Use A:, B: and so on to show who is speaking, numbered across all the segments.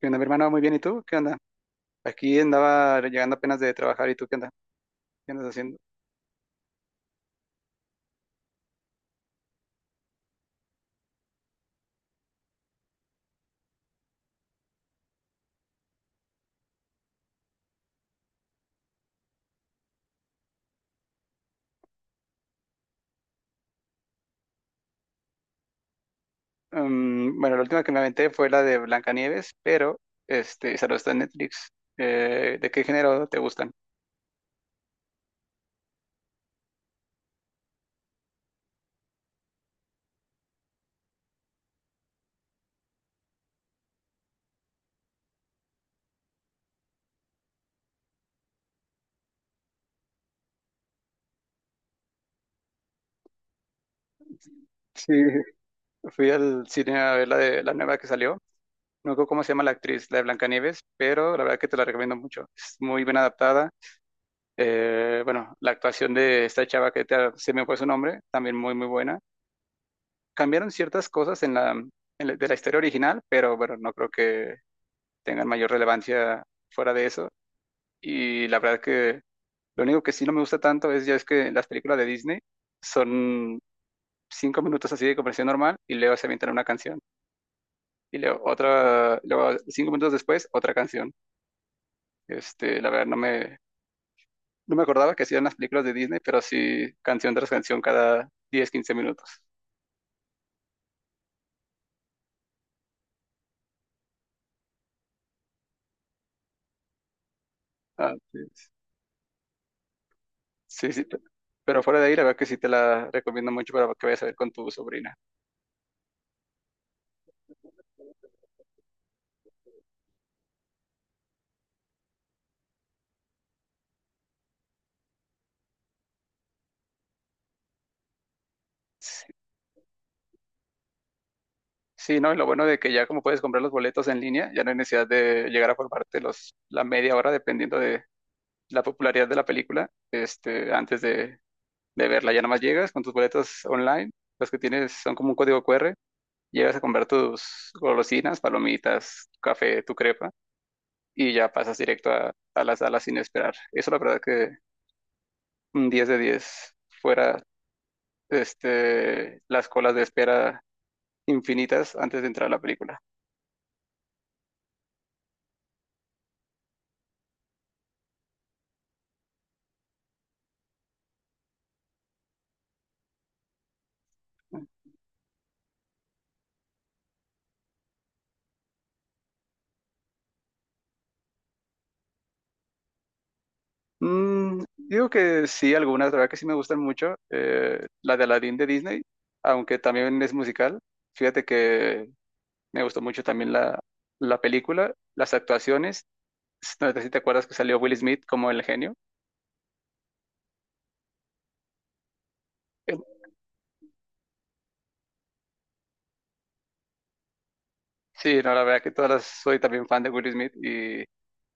A: ¿Qué onda, mi hermano? Muy bien, ¿y tú? ¿Qué onda? Aquí andaba llegando apenas de trabajar, ¿y tú qué onda? ¿Qué andas haciendo? Bueno, la última que me aventé fue la de Blancanieves, pero esa no está en Netflix. ¿De qué género te gustan? Sí, fui al cine a ver la de la nueva que salió. No recuerdo cómo se llama la actriz, la de Blancanieves, pero la verdad que te la recomiendo mucho. Es muy bien adaptada. Bueno, la actuación de esta chava se me fue su nombre, también muy, muy buena. Cambiaron ciertas cosas de la historia original, pero bueno, no creo que tengan mayor relevancia fuera de eso. Y la verdad que lo único que sí no me gusta tanto es ya es que las películas de Disney son 5 minutos así de conversación normal y luego se avientan una canción. Y luego otra, luego 5 minutos después, otra canción. La verdad no me acordaba que hacían las películas de Disney, pero sí canción tras canción cada 10-15 minutos. Ah, pues, sí, sí. Pero fuera de ahí, la verdad que sí te la recomiendo mucho para que vayas a ver con tu sobrina. Sí, ¿no? Y lo bueno de que ya como puedes comprar los boletos en línea, ya no hay necesidad de llegar a formarte la media hora dependiendo de la popularidad de la película, antes de verla. Ya nada más llegas con tus boletos online, los que tienes son como un código QR, llegas a comprar tus golosinas, palomitas, tu café, tu crepa, y ya pasas directo a la sala sin esperar. Eso la verdad que un 10 de 10 fuera, las colas de espera infinitas antes de entrar a la película. Digo que sí, algunas, la verdad que sí me gustan mucho. La de Aladdin de Disney, aunque también es musical. Fíjate que me gustó mucho también la película, las actuaciones. No sé si te acuerdas que salió Will Smith como el genio. Eh, Sí, no, la verdad que soy también fan de Will Smith y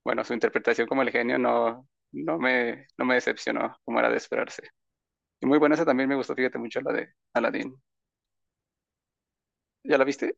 A: bueno, su interpretación como el genio no me decepcionó como era de esperarse. Y muy buena esa también me gustó, fíjate mucho la de Aladdin. ¿Ya la viste?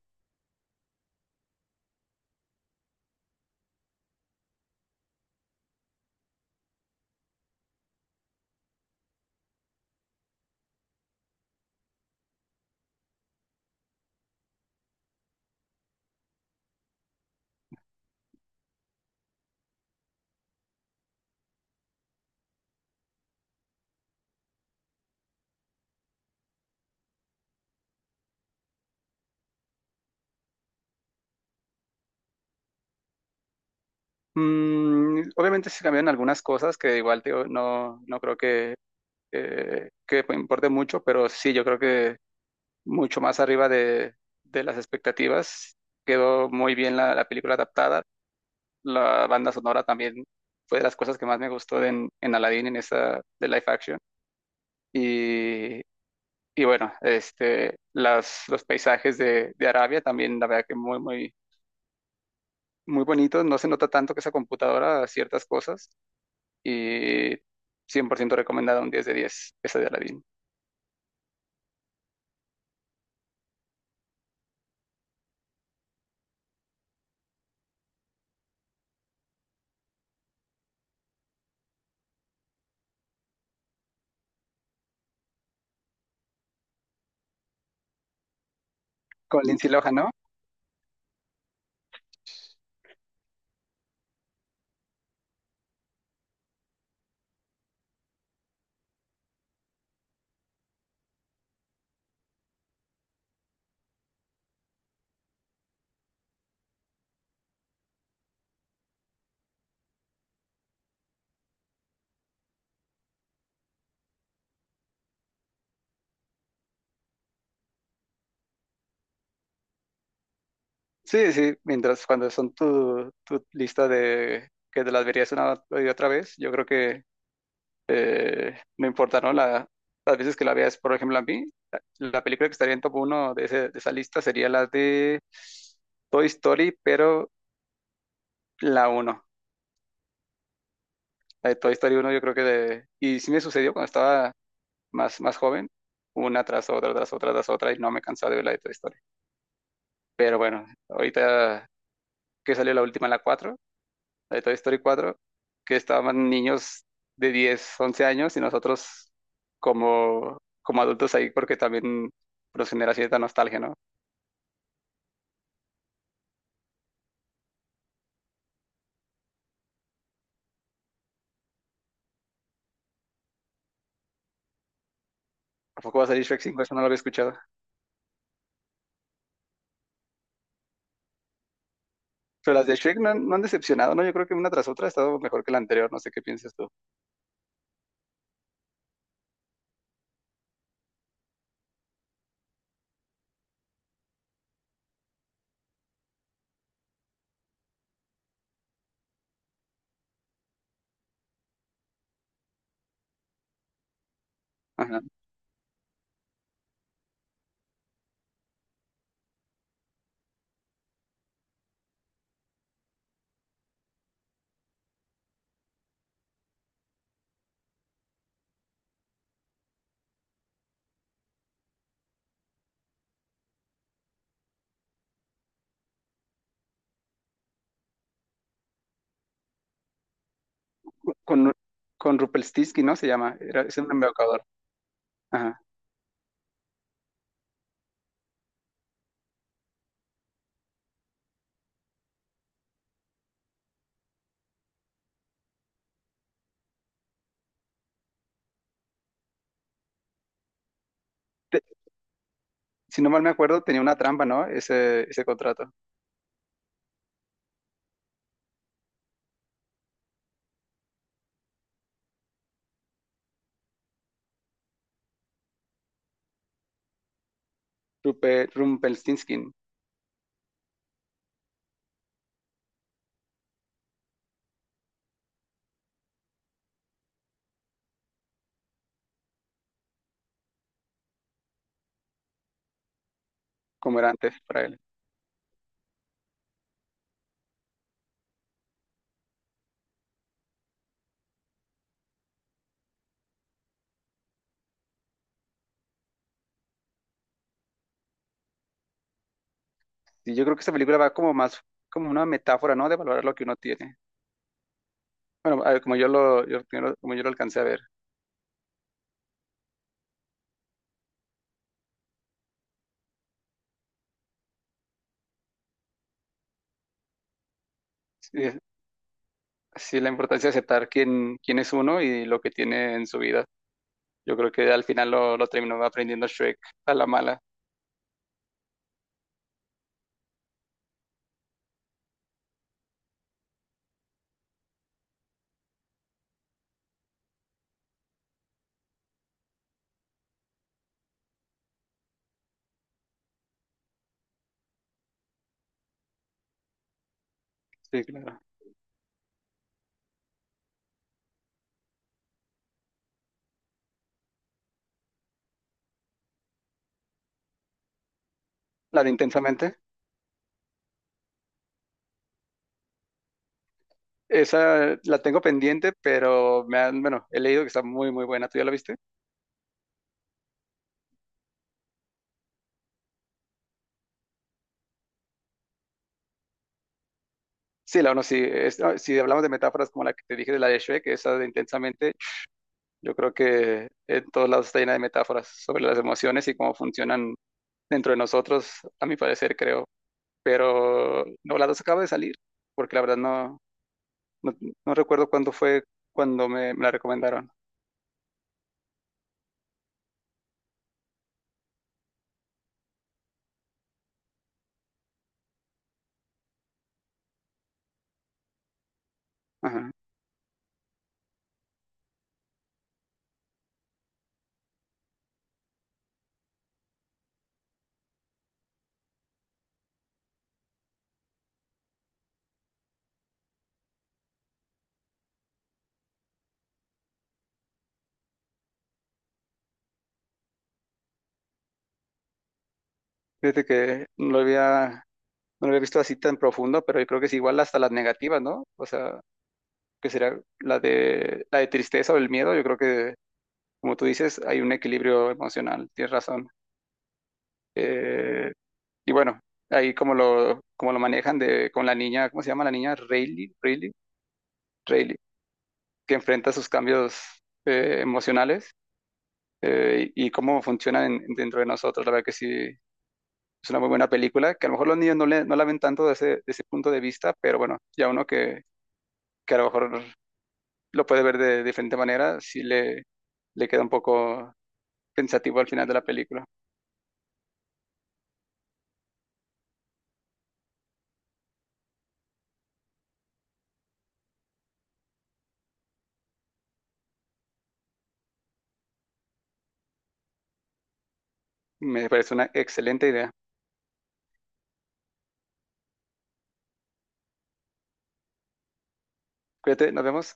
A: Obviamente se cambiaron algunas cosas que igual digo, no creo que importe mucho, pero sí, yo creo que mucho más arriba de las expectativas. Quedó muy bien la película adaptada. La banda sonora también fue de las cosas que más me gustó en Aladdin, en esa de live action. Y, y bueno, los paisajes de Arabia también, la verdad que muy, muy, muy bonitos. No se nota tanto que esa computadora ciertas cosas y 100% recomendada, un 10 de 10 esa de Aladdin. Con Lindsay Lohan, ¿no? Sí, sí, mientras cuando son tu lista de que te las verías una y otra vez, yo creo que no importa, ¿no? Las veces que la veas, por ejemplo, a mí, la, la película que estaría en top uno de esa lista sería la de Toy Story, pero la uno. La de Toy Story uno yo creo que. Y sí me sucedió cuando estaba más joven, una tras otra, tras otra, tras otra, y no me cansaba de ver la de Toy Story. Pero bueno, ahorita que salió la última, la de Toy Story cuatro, que estaban niños de 10-11 años y nosotros como, como adultos ahí porque también nos genera cierta nostalgia, ¿no? ¿A poco va a salir Shrek 5? Eso no lo había escuchado. Pero las de Shrek no han decepcionado, ¿no? Yo creo que una tras otra ha estado mejor que la anterior, no sé qué piensas tú. Ajá. Con, con Rumpelstiltskin, ¿no? Se llama. Es un embaucador. Ajá. Te- si no mal me acuerdo, tenía una trampa, ¿no? Ese contrato. Rumpelstiltskin, como era antes para él. Y yo creo que esta película va como una metáfora, ¿no? De valorar lo que uno tiene. Bueno, a ver, como yo lo alcancé a ver. Sí, sí, la importancia de aceptar quién es uno y lo que tiene en su vida. Yo creo que al final lo terminó aprendiendo Shrek a la mala. Sí, claro. La de Intensamente. Esa la tengo pendiente, pero bueno, he leído que está muy, muy buena. ¿Tú ya la viste? Sí, la uno sí. No, si hablamos de metáforas como la que te dije de la de Shrek, esa de Intensamente, yo creo que en todos lados está llena de metáforas sobre las emociones y cómo funcionan dentro de nosotros, a mi parecer, creo. Pero no, la dos acaba de salir, porque la verdad no, no recuerdo cuándo fue cuando me la recomendaron. Ajá. Fíjate que no lo había visto así tan profundo, pero yo creo que es igual hasta las negativas, ¿no? O sea, que sería la de tristeza o el miedo. Yo creo que, como tú dices, hay un equilibrio emocional, tienes razón. Eh, Y bueno, ahí como lo manejan con la niña, ¿cómo se llama la niña? Rayleigh, que enfrenta sus cambios emocionales, y cómo funcionan dentro de nosotros. La verdad que sí, es una muy buena película, que a lo mejor los niños no la ven tanto desde ese punto de vista, pero bueno, ya uno que, a lo mejor lo puede ver de diferente manera, sí le queda un poco pensativo al final de la película. Me parece una excelente idea. Cuídate, nos vemos.